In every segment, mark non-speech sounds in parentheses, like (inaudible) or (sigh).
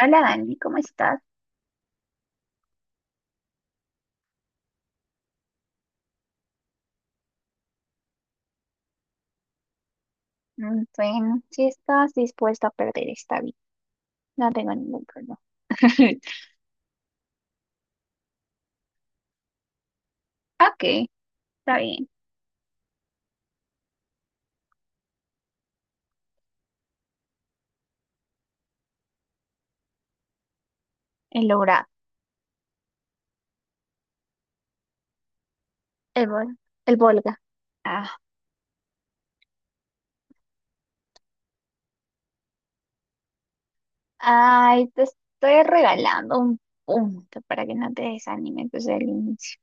Hola Dani, ¿cómo estás? Bueno, si estás dispuesta a perder esta vida, no tengo ningún problema. (laughs) Ok, está bien. El logrado, el, Vol- el Volga. Ah, ay, te estoy regalando un punto para que no te desanimes desde el inicio.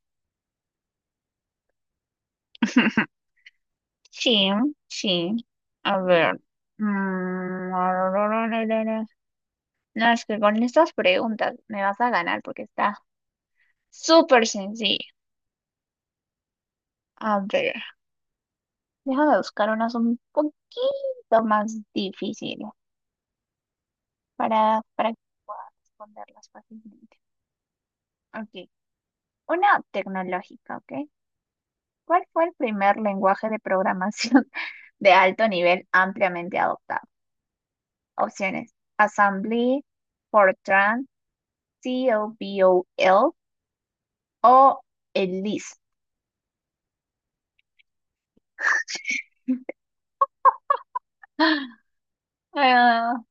(laughs) Sí, sí. A ver. Mm, (laughs) No, es que con estas preguntas me vas a ganar porque está súper sencillo. A ver. Déjame buscar unas un poquito más difíciles para que pueda responderlas fácilmente. Ok, una tecnológica, ¿ok? ¿Cuál fue el primer lenguaje de programación (laughs) de alto nivel ampliamente adoptado? Opciones: Assembly, Fortran, COBOL o el LIS. (gasps) Ah,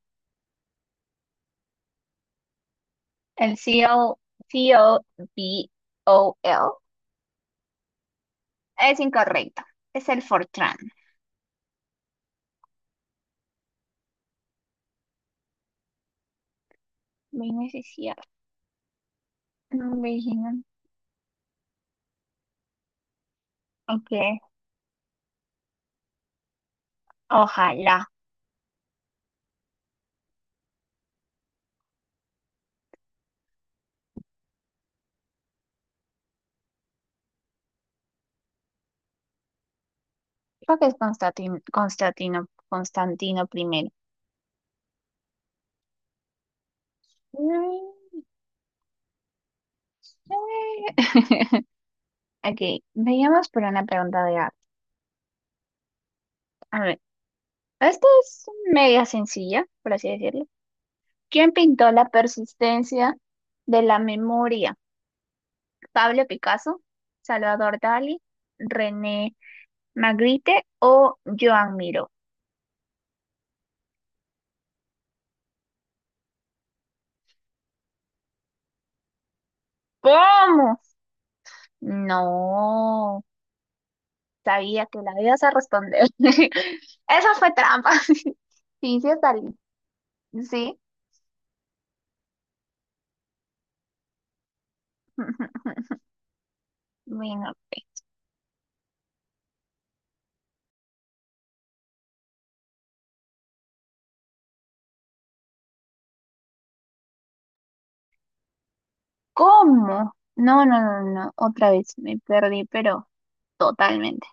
el CO COBOL es incorrecto, es el Fortran. Ven, ese sí. No, Virginia. Okay. Ojalá. Creo que es Constantino primero. No sé. (laughs) Okay. Vayamos por una pregunta de arte. A ver, esta es media sencilla, por así decirlo. ¿Quién pintó la persistencia de la memoria? ¿Pablo Picasso, Salvador Dalí, René Magritte o Joan Miró? ¿Cómo? No. Sabía que la ibas a responder. (laughs) Esa fue trampa. (laughs) Sí, sí, está bien. Sí. (laughs) Bueno, ok. ¿Cómo? No, no, no, no. Otra vez me perdí, pero totalmente.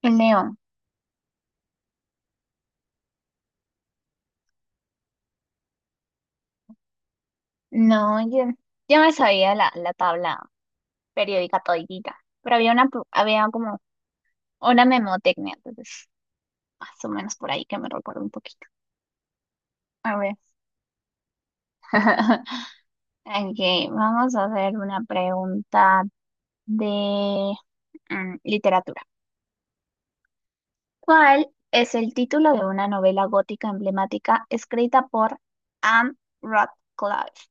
El león. No, yo me sabía la tabla periódica toditita. Pero había había como una memotecnia, entonces más o menos por ahí que me recuerdo un poquito. A ver. (laughs) Ok, vamos a hacer una pregunta de literatura. ¿Cuál es el título de una novela gótica emblemática escrita por Anne Radcliffe?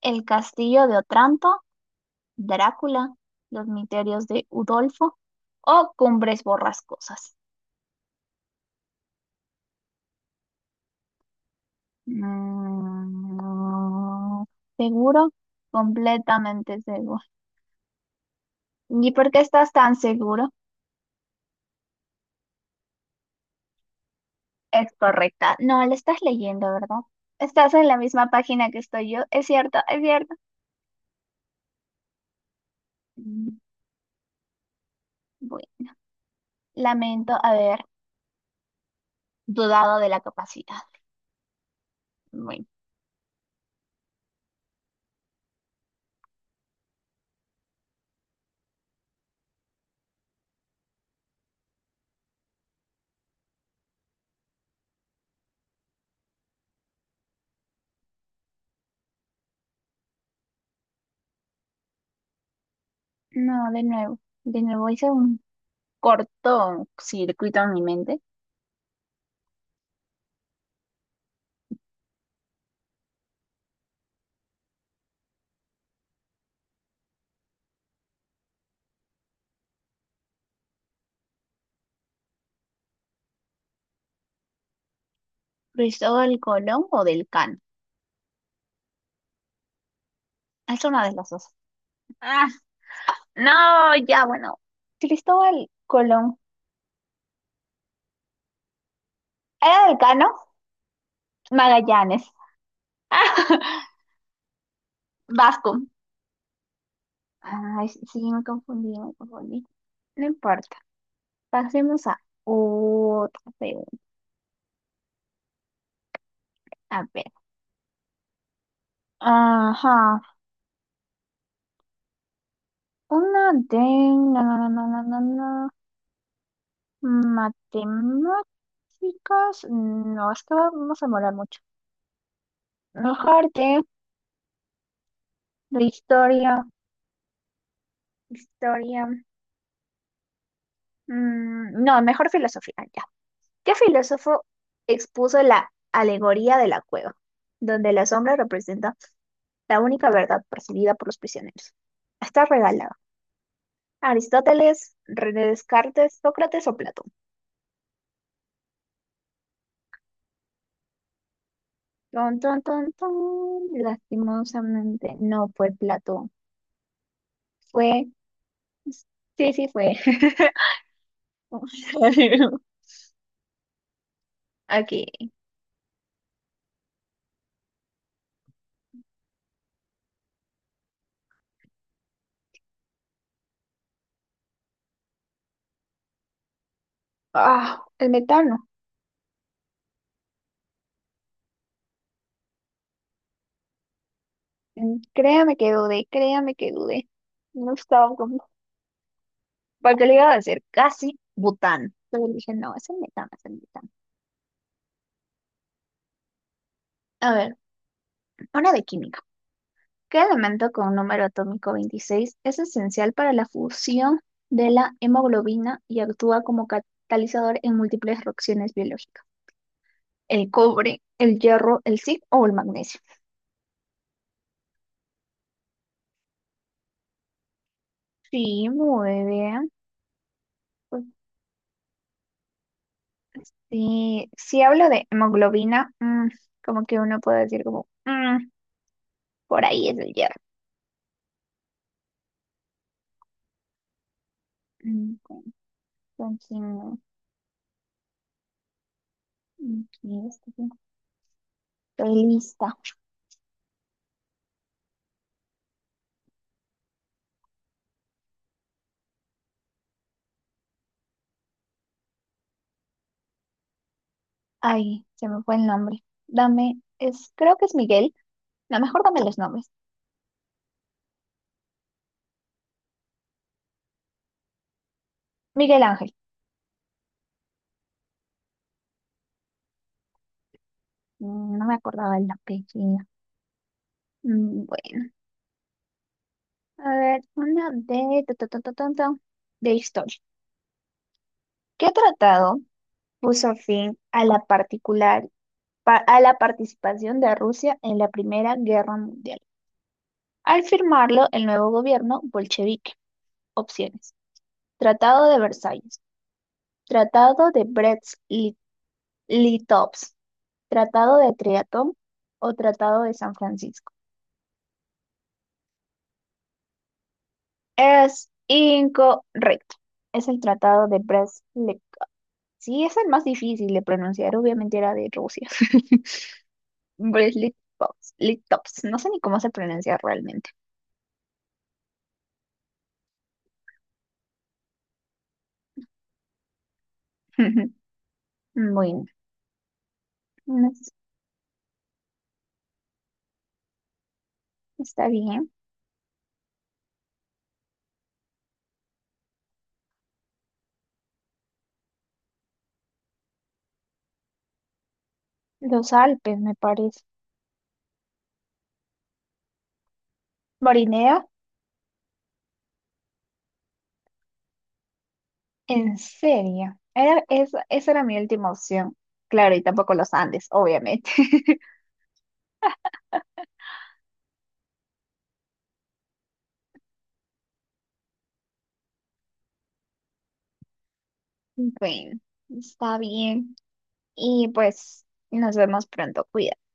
¿El castillo de Otranto, Drácula, los misterios de Udolfo o Cumbres Borrascosas? Mm, ¿Seguro? Completamente seguro. ¿Y por qué estás tan seguro? Es correcta. No, la estás leyendo, ¿verdad? Estás en la misma página que estoy yo. Es cierto, es cierto. Mm, Bueno, lamento haber dudado de la capacidad. Bueno, no, de nuevo hice un corto circuito en mi mente. ¿Cristóbal Colón o del Can? Es una de las dos. Ah, no, ya, bueno. Cristóbal Colón. ¿Era del Cano? Magallanes. (laughs) Vasco. Ay, sí, sí, me confundí. No importa. Pasemos a otra pregunta. A ver. Ajá. Una de... No, no, no, no, no, no. No. Matemáticas, no, es que vamos a demorar mucho. Ah, mejor de historia, historia. Mm, no, mejor filosofía, ya. ¿Qué filósofo expuso la alegoría de la cueva, donde la sombra representa la única verdad percibida por los prisioneros? Está regalado. Aristóteles, René Descartes, Sócrates o Platón. Ton, ton, ton, ton. Lastimosamente no fue Platón. Fue, sí, sí fue. (laughs) (laughs) Aquí. Ah, el metano. Créame que dudé, créame que dudé. No estaba como... ¿Para qué le iba a decir? Casi bután. Pero dije, no, es el metano, es el metano. A ver, una de química. ¿Qué elemento con un número atómico 26 es esencial para la fusión de la hemoglobina y actúa como catalizador en múltiples reacciones biológicas? ¿El cobre, el hierro, el zinc o el magnesio? Sí, muy bien. Sí, si hablo de hemoglobina, mm, como que uno puede decir como, mm, por ahí es el hierro. Mm, Entonces, no, aquí está, sí. Estoy lista. Ay, se me fue el nombre. Creo que es Miguel. No, mejor dame los nombres. Miguel Ángel. Mm, no me acordaba el apellido. Bueno, a ver, una de, tu, de historia. ¿Qué tratado puso fin a la a la participación de Rusia en la Primera Guerra Mundial? Al firmarlo el nuevo gobierno bolchevique. Opciones. Tratado de Versalles, Tratado de Brest-Litovsk, Tratado de Triatón o Tratado de San Francisco. Es incorrecto. Es el Tratado de Brest-Litovsk. Sí, es el más difícil de pronunciar, obviamente era de Rusia. (laughs) Litovsk. No sé ni cómo se pronuncia realmente. (laughs) Bueno, no es- está bien. Los Alpes, me parece. Morinea, en serio. Esa, esa era mi última opción. Claro, y tampoco los Andes, obviamente. (laughs) Bueno, está bien. Y pues nos vemos pronto. Cuídate.